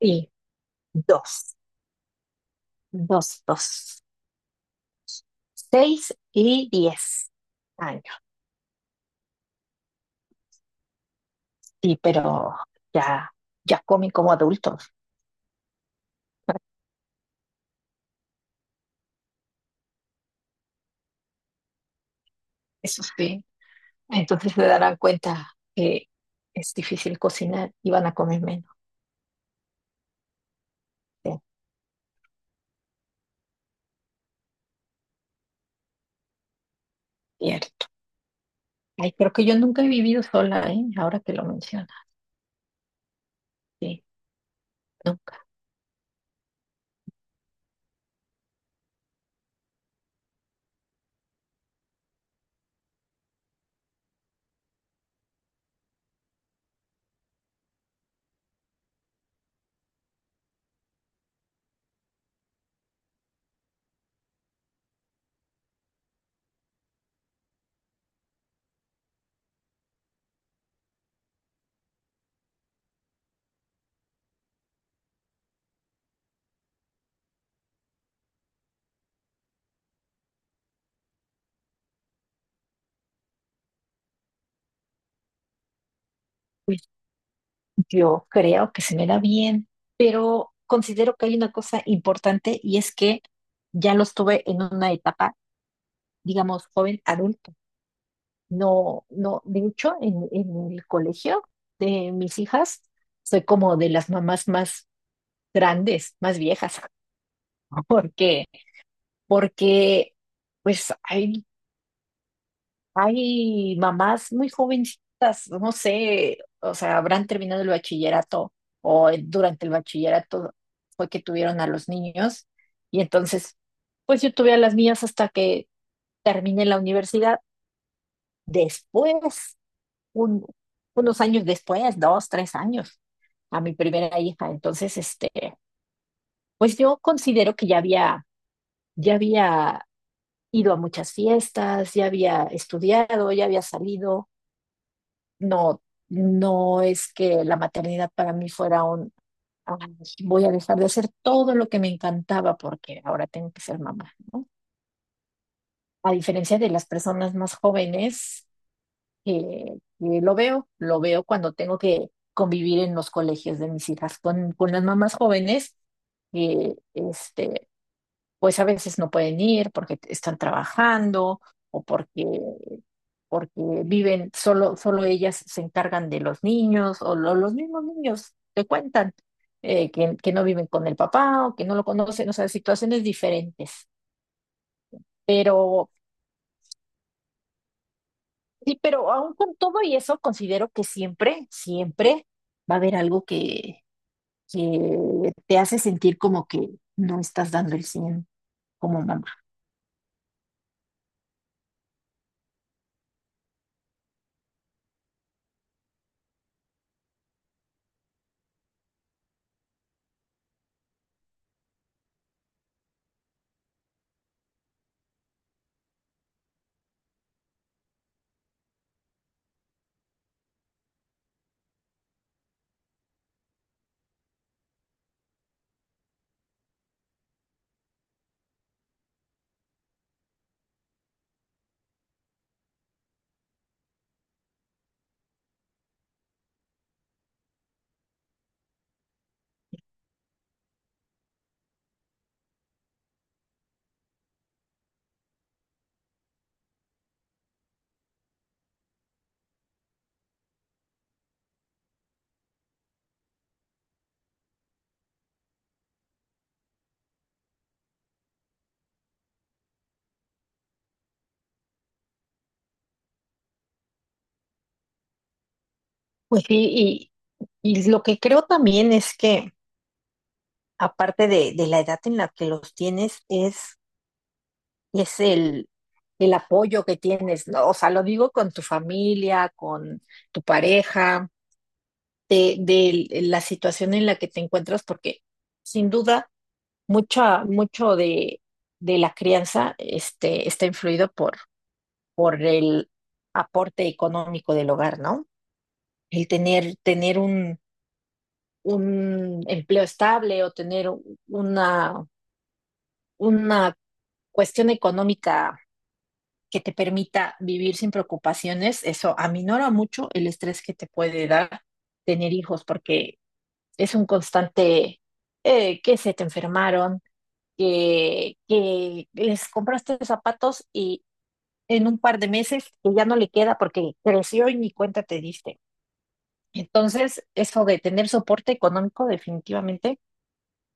Sí, dos, dos, dos. Seis y diez años. Sí, pero ya, ya comen como adultos, eso sí. Entonces se darán cuenta que es difícil cocinar y van a comer menos. Sí, cierto. Ay, creo que yo nunca he vivido sola, ¿eh? Ahora que lo mencionas, sí, nunca. Pues yo creo que se me da bien, pero considero que hay una cosa importante y es que ya lo estuve en una etapa, digamos, joven adulto. No, no, de hecho, en el colegio de mis hijas, soy como de las mamás más grandes, más viejas. porque Porque, pues, hay mamás muy jovencitas, no sé, o sea, habrán terminado el bachillerato o durante el bachillerato fue que tuvieron a los niños. Y entonces, pues yo tuve a las mías hasta que terminé la universidad. Después un- unos años después, dos, tres años, a mi primera hija. Entonces, pues yo considero que ya había ido a muchas fiestas, ya había estudiado, ya había salido. No, no es que la maternidad para mí fuera un, "Ay, voy a dejar de hacer todo lo que me encantaba porque ahora tengo que ser mamá, ¿no?" A diferencia de las personas más jóvenes eh, lo veo cuando tengo que convivir en los colegios de mis hijas con las mamás jóvenes, eh, este, pues a veces no pueden ir porque están trabajando o porque, porque viven, solo, solo ellas se encargan de los niños o los mismos niños te cuentan que no viven con el papá o que no lo conocen, o sea, situaciones diferentes. Sí, pero aún con todo y eso, considero que siempre, siempre va a haber algo que te hace sentir como que no estás dando el 100 como mamá. Pues sí, y lo que creo también es que, aparte de la edad en la que los tienes, es el apoyo que tienes, ¿no? O sea, lo digo con tu familia, con tu pareja, de la situación en la que te encuentras, porque sin duda. Mucha, mucho de la crianza está influido por el aporte económico del hogar, ¿no? El tener, tener un empleo estable o tener una, una cuestión económica que te permita vivir sin preocupaciones, eso aminora mucho el estrés que te puede dar tener hijos, porque es un constante que se te enfermaron, que les compraste zapatos y, en un par de meses que ya no le queda porque creció y ni cuenta te diste. Entonces, eso de tener soporte económico definitivamente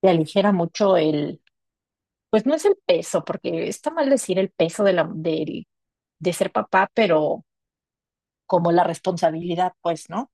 te aligera mucho el, pues no es el peso, porque está mal decir el peso de la, de ser papá, pero como la responsabilidad, pues, ¿no?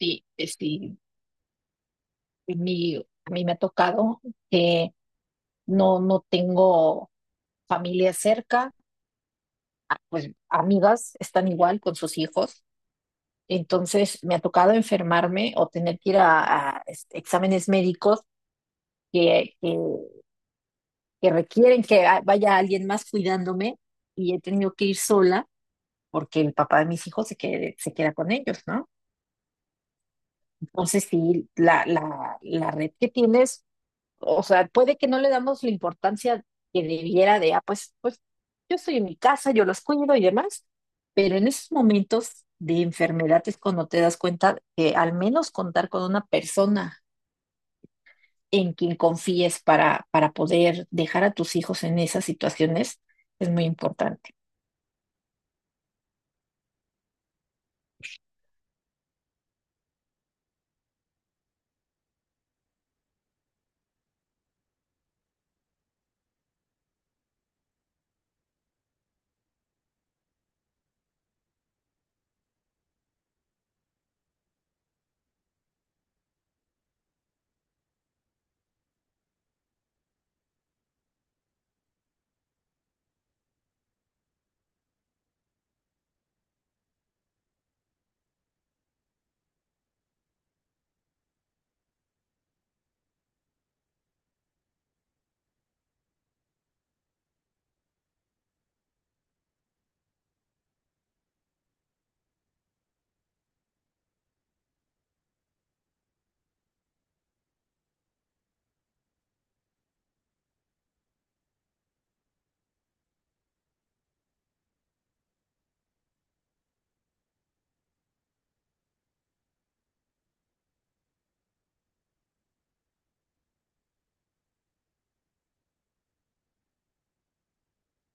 Sí, sí, mi, a mí me ha tocado que no, no tengo familia cerca, pues amigas están igual con sus hijos. Entonces me ha tocado enfermarme o tener que ir a, exámenes médicos que, que requieren que vaya alguien más cuidándome y he tenido que ir sola porque el papá de mis hijos se, se queda con ellos, ¿no? Entonces sí, la red que tienes, o sea, puede que no le damos la importancia que debiera de, ah, pues, pues yo estoy en mi casa, yo los cuido y demás, pero en esos momentos de enfermedad es cuando te das cuenta que al menos contar con una persona en quien confíes para poder dejar a tus hijos en esas situaciones es muy importante.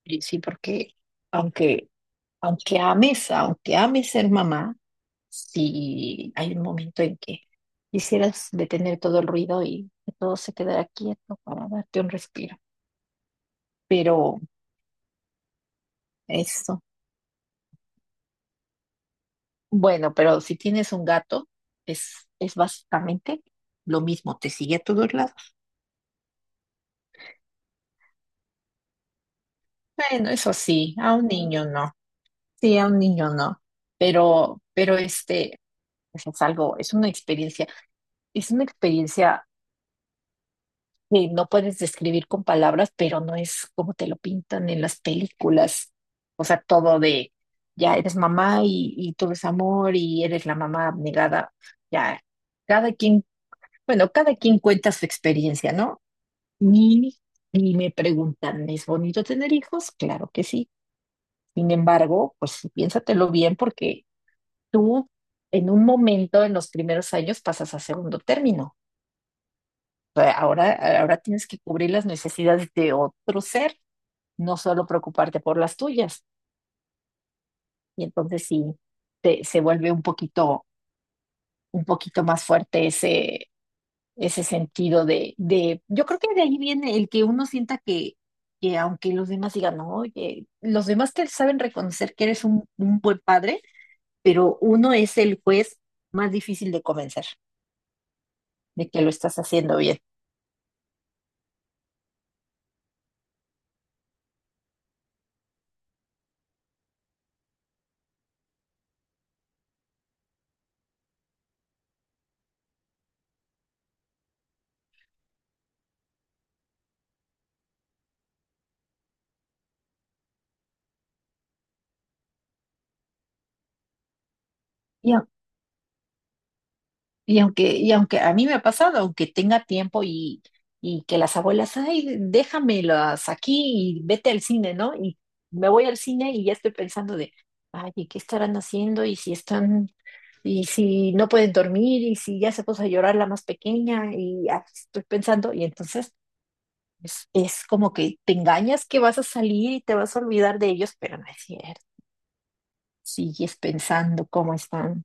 Y sí, porque aunque, aunque ames ser mamá, si hay un momento en que quisieras detener todo el ruido y que todo se quedara quieto para darte un respiro. Pero eso, bueno, pero si tienes un gato, es básicamente lo mismo, te sigue a todos lados. Bueno, eso sí, a un niño no. Sí, a un niño no, pero, pero pues es algo, es una experiencia que no puedes describir con palabras, pero no es como te lo pintan en las películas. O sea, todo de, ya eres mamá y tú eres amor y eres la mamá abnegada. Ya, cada quien, bueno, cada quien cuenta su experiencia, ¿no? Y, y me preguntan, ¿es bonito tener hijos? Claro que sí. Sin embargo, pues piénsatelo bien porque tú en un momento, en los primeros años, pasas a segundo término. O sea, ahora, ahora tienes que cubrir las necesidades de otro ser, no solo preocuparte por las tuyas. Y entonces sí, se vuelve un poquito más fuerte ese, ese sentido de, yo creo que de ahí viene el que uno sienta que aunque los demás digan, "No, oye, los demás te saben reconocer que eres un buen padre, pero uno es el juez más difícil de convencer de que lo estás haciendo bien". Y, y aunque a mí me ha pasado, aunque tenga tiempo y que las abuelas, ay, déjamelas aquí y vete al cine, ¿no? Y me voy al cine y ya estoy pensando de, ay, ¿y qué estarán haciendo? Y si están, y si no pueden dormir, y si ya se puso a llorar la más pequeña, y ay, estoy pensando, y entonces es como que te engañas que vas a salir y te vas a olvidar de ellos, pero no es cierto. Sigues pensando cómo están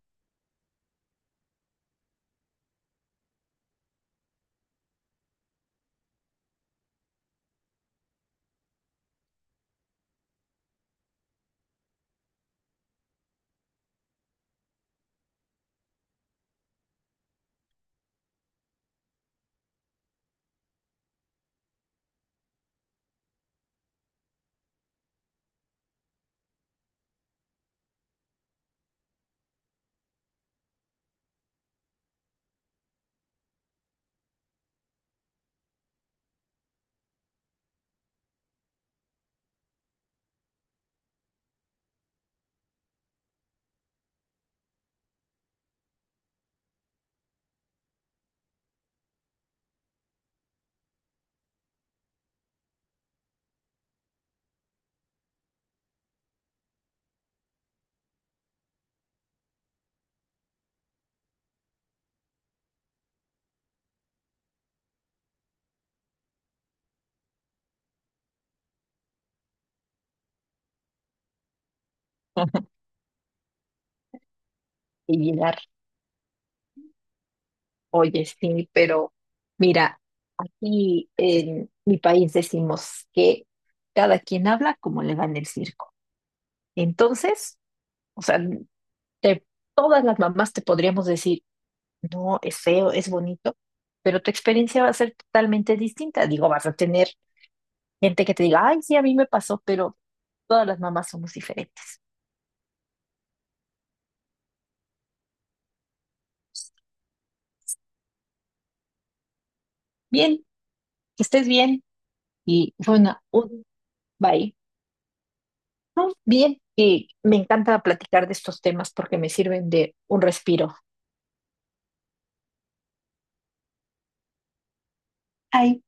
y llegar. Oye, sí, pero mira, aquí en mi país decimos que cada quien habla como le va en el circo. Entonces, o sea, te- todas las mamás te podríamos decir, no, es feo, es bonito, pero tu experiencia va a ser totalmente distinta. Digo, vas a tener gente que te diga, ay, sí, a mí me pasó, pero todas las mamás somos diferentes. Bien, que estés bien y fue una, un bye. No, bien, y me encanta platicar de estos temas porque me sirven de un respiro. Ay,